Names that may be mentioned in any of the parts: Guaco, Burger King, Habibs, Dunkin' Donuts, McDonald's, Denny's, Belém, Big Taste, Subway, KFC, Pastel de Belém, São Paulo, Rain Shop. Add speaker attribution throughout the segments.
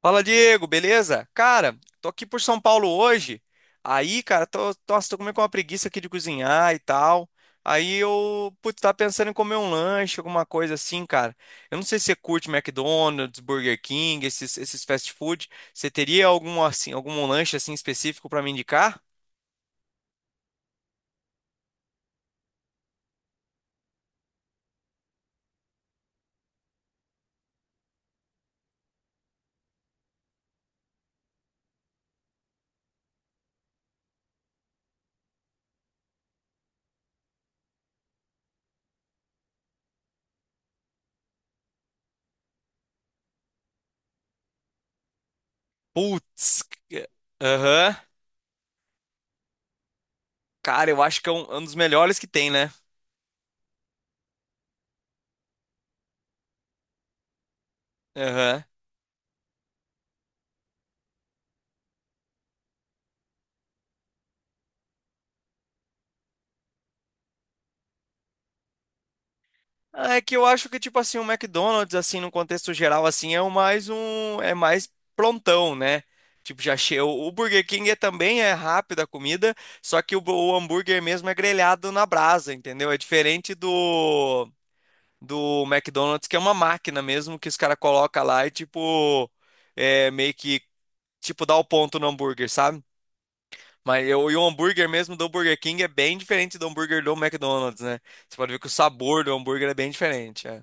Speaker 1: Fala, Diego, beleza? Cara, tô aqui por São Paulo hoje. Aí, cara, tô comendo com uma preguiça aqui de cozinhar e tal. Tava pensando em comer um lanche, alguma coisa assim, cara. Eu não sei se você curte McDonald's, Burger King, esses fast food. Você teria algum, assim, algum lanche assim específico pra me indicar? Putz, c- aham. Cara, eu acho que é é um dos melhores que tem, né? Aham. É que eu acho que, tipo assim, o McDonald's, assim, no contexto geral, assim, é é mais prontão, né? Tipo, já cheio. O Burger King é, também é rápida a comida, só que o hambúrguer mesmo é grelhado na brasa, entendeu? É diferente do McDonald's, que é uma máquina mesmo, que os caras colocam lá e, tipo, é meio que, tipo, dá o ponto no hambúrguer, sabe? E o hambúrguer mesmo do Burger King é bem diferente do hambúrguer do McDonald's, né? Você pode ver que o sabor do hambúrguer é bem diferente, é.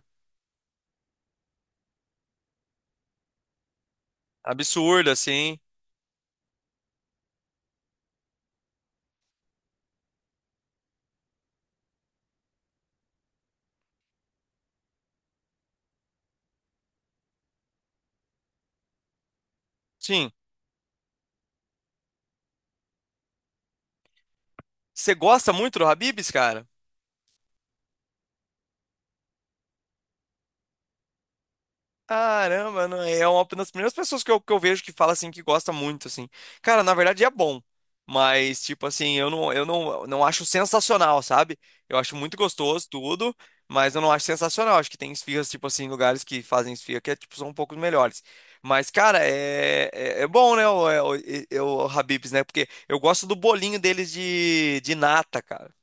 Speaker 1: Absurdo, assim. Sim. Você gosta muito do Habibs, cara? Caramba, não é uma das primeiras pessoas que eu vejo que fala assim que gosta muito, assim. Cara, na verdade é bom. Mas, tipo assim, eu não, não acho sensacional, sabe? Eu acho muito gostoso tudo, mas eu não acho sensacional. Acho que tem esfirras, tipo assim, lugares que fazem esfirra que é, tipo, são um pouco melhores. Mas, cara, é bom, né? O, é- o, e- o Habib's, né? Porque eu gosto do bolinho deles de nata, cara.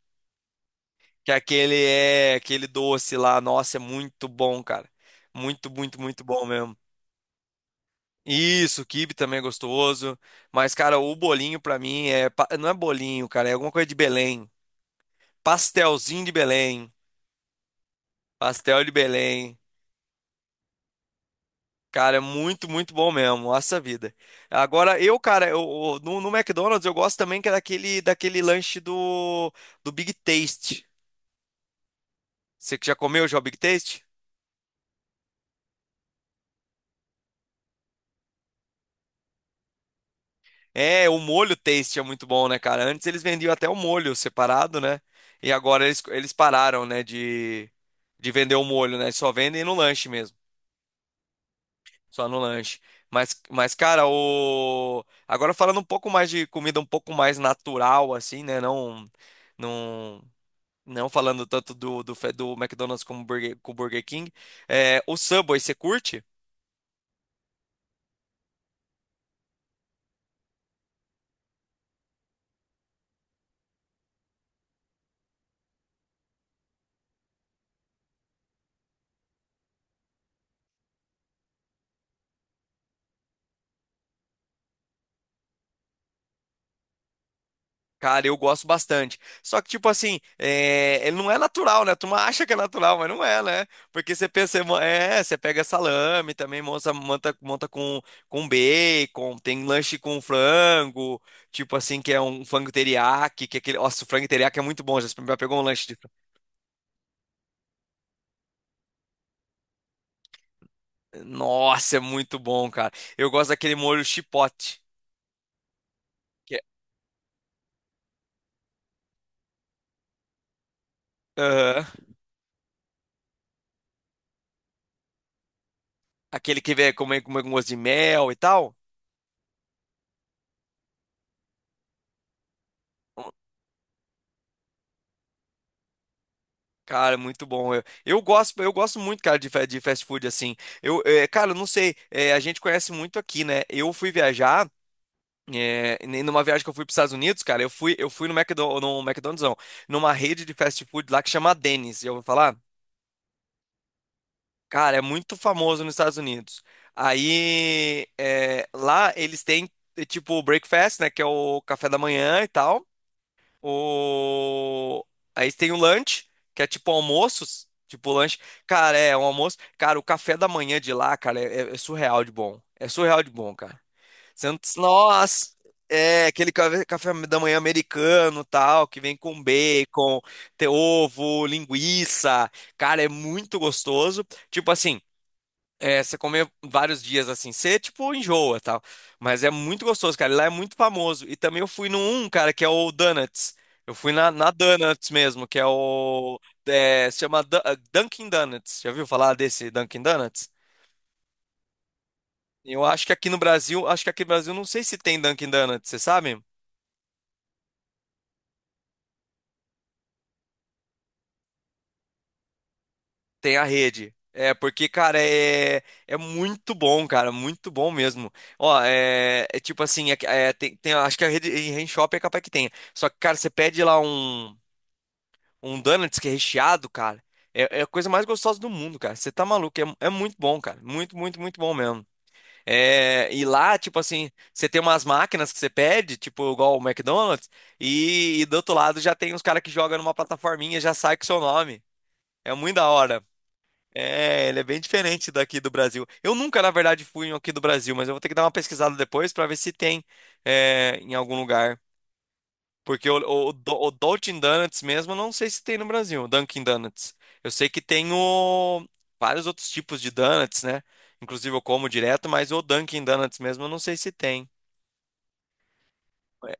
Speaker 1: Que aquele é aquele doce lá, nossa, é muito bom, cara. Muito bom mesmo. Isso, o quibe também é gostoso. Mas, cara, o bolinho pra mim é. Pa- Não é bolinho, cara, é alguma coisa de Belém. Pastelzinho de Belém. Pastel de Belém. Cara, é muito bom mesmo. Nossa vida. Agora, eu, cara, eu- no, no McDonald's eu gosto também que é daquele lanche do Big Taste. Você que já comeu já o Big Taste? É, o molho Taste é muito bom, né, cara? Antes eles vendiam até o molho separado, né? E agora eles pararam, né, de vender o molho, né? Só vendem no lanche mesmo. Só no lanche. Cara, o... agora falando um pouco mais de comida um pouco mais natural, assim, né? Não, não, não falando tanto do McDonald's como Burger, com o Burger King. É, o Subway, você curte? Cara, eu gosto bastante. Só que, tipo assim, é... ele não é natural, né? Tu acha que é natural, mas não é, né? Porque você pensa, mo- é, você pega salame também, monta com bacon, tem lanche com frango, tipo assim, que é um frango teriyaki, que é aquele. Nossa, o frango teriyaki é muito bom, pegou um lanche de. Frango? Nossa, é muito bom, cara. Eu gosto daquele molho chipote que é... Aham. Aquele que vem comer com gosto de mel e tal. Cara, muito bom. Eu gosto muito, cara, de fast food assim. Cara, eu não sei, eh, a gente conhece muito aqui, né? Eu fui viajar, numa viagem que eu fui para os Estados Unidos, cara, eu fui no não, numa rede de fast food lá que chama Denny's, já ouviu falar? Cara, é muito famoso nos Estados Unidos. Aí, lá eles têm tipo o breakfast, né, que é o café da manhã e tal. O... aí tem o lanche, que é tipo almoços. Tipo lanche. Cara, é um almoço. Cara, o café da manhã de lá, cara, é surreal de bom. É surreal de bom, cara. Você não... nossa! É, aquele café da manhã americano, tal, que vem com bacon, ter ovo, linguiça. Cara, é muito gostoso. Tipo assim, é, você comer vários dias assim, você tipo enjoa tal. Mas é muito gostoso, cara. E lá é muito famoso. E também eu fui no um, cara, que é o Donuts. Eu fui na Donuts mesmo, que é o. é, se chama Du- Dunkin' Donuts. Já ouviu falar desse Dunkin' Donuts? Eu acho que aqui no Brasil, acho que aqui no Brasil não sei se tem Dunkin' Donuts, você sabe? Tem a rede. É, porque, cara, é, é muito bom, cara, muito bom mesmo. Ó, é, é tipo assim, é, é, acho que a rede em Rain Shop é capaz que tenha. Só que, cara, você pede lá um donuts que é recheado, cara, é, é a coisa mais gostosa do mundo, cara. Você tá maluco, é, é muito bom, cara, muito bom mesmo. É, e lá, tipo assim, você tem umas máquinas que você pede, tipo igual o McDonald's, e, do outro lado já tem uns caras que jogam numa plataforminha, já sai com o seu nome. É muito da hora. É, ele é bem diferente daqui do Brasil. Eu nunca, na verdade, fui em aqui do Brasil, mas eu vou ter que dar uma pesquisada depois para ver se tem é, em algum lugar. Porque o Dunkin' Donuts mesmo, eu não sei se tem no Brasil, o Dunkin' Donuts. Eu sei que tem o, vários outros tipos de donuts, né? Inclusive eu como direto, mas o Dunkin' Donuts mesmo, eu não sei se tem. É,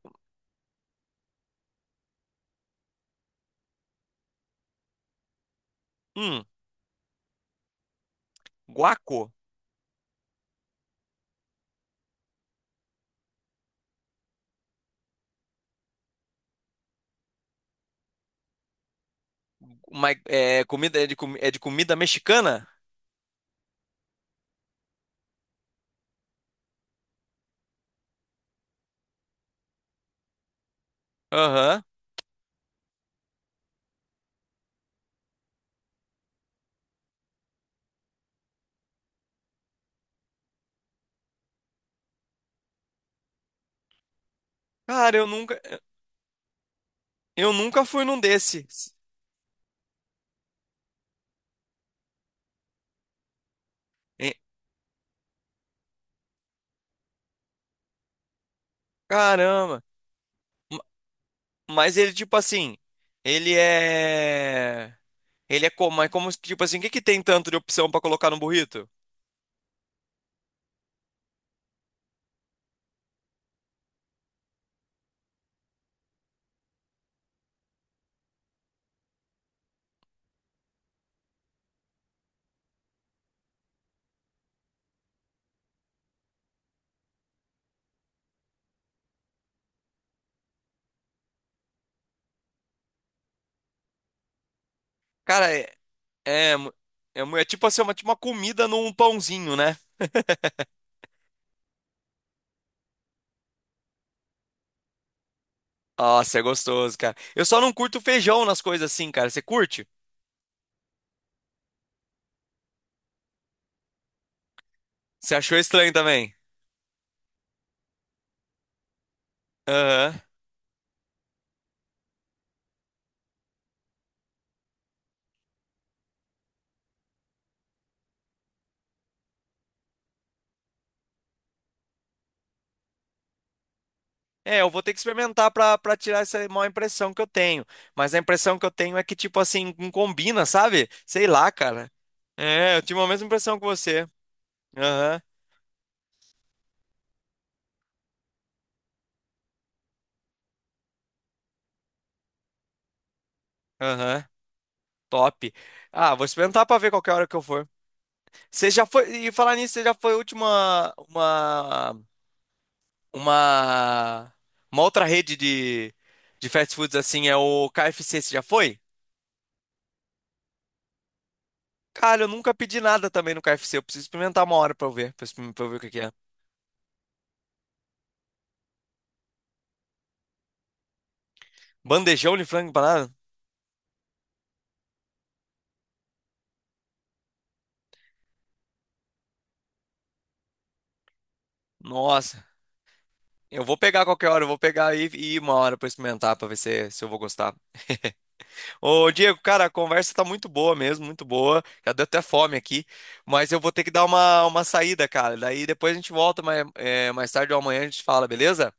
Speaker 1: hum, guaco? Uma- é, comida, é, de, comi- é de comida mexicana? Aham. Cara, eu nunca fui num desse. Eh, caramba. M- mas ele, tipo assim, ele é. Ele é como? É como, tipo assim, o que que tem tanto de opção pra colocar no burrito? Cara, é. É, mu- é tipo assim, uma, tipo uma comida num pãozinho, né? Nossa, é gostoso, cara. Eu só não curto feijão nas coisas assim, cara. Você curte? Você achou estranho também? Aham. É, eu vou ter que experimentar pra tirar essa má impressão que eu tenho. Mas a impressão que eu tenho é que, tipo assim, não combina, sabe? Sei lá, cara. É, eu tive a mesma impressão que você. Aham, aham. Top. Ah, vou experimentar pra ver qualquer hora que eu for. Você já foi. E falar nisso, você já foi a última. Uma. Uma. Uma outra rede de fast foods assim, é o KFC. Você já foi? Cara, eu nunca pedi nada também no KFC. Eu preciso experimentar uma hora pra eu ver. Pra eu ver o que que é. Bandejão de frango empanado? Nossa. Eu vou pegar qualquer hora. Eu vou pegar e ir uma hora pra experimentar, pra ver se, se eu vou gostar. Ô, Diego, cara, a conversa tá muito boa mesmo, muito boa. Já deu até fome aqui, mas eu vou ter que dar uma saída, cara. Daí depois a gente volta mais, é, mais tarde ou amanhã a gente fala, beleza?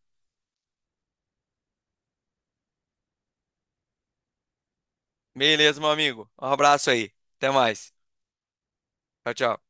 Speaker 1: Beleza, meu amigo. Um abraço aí. Até mais. Tchau, tchau.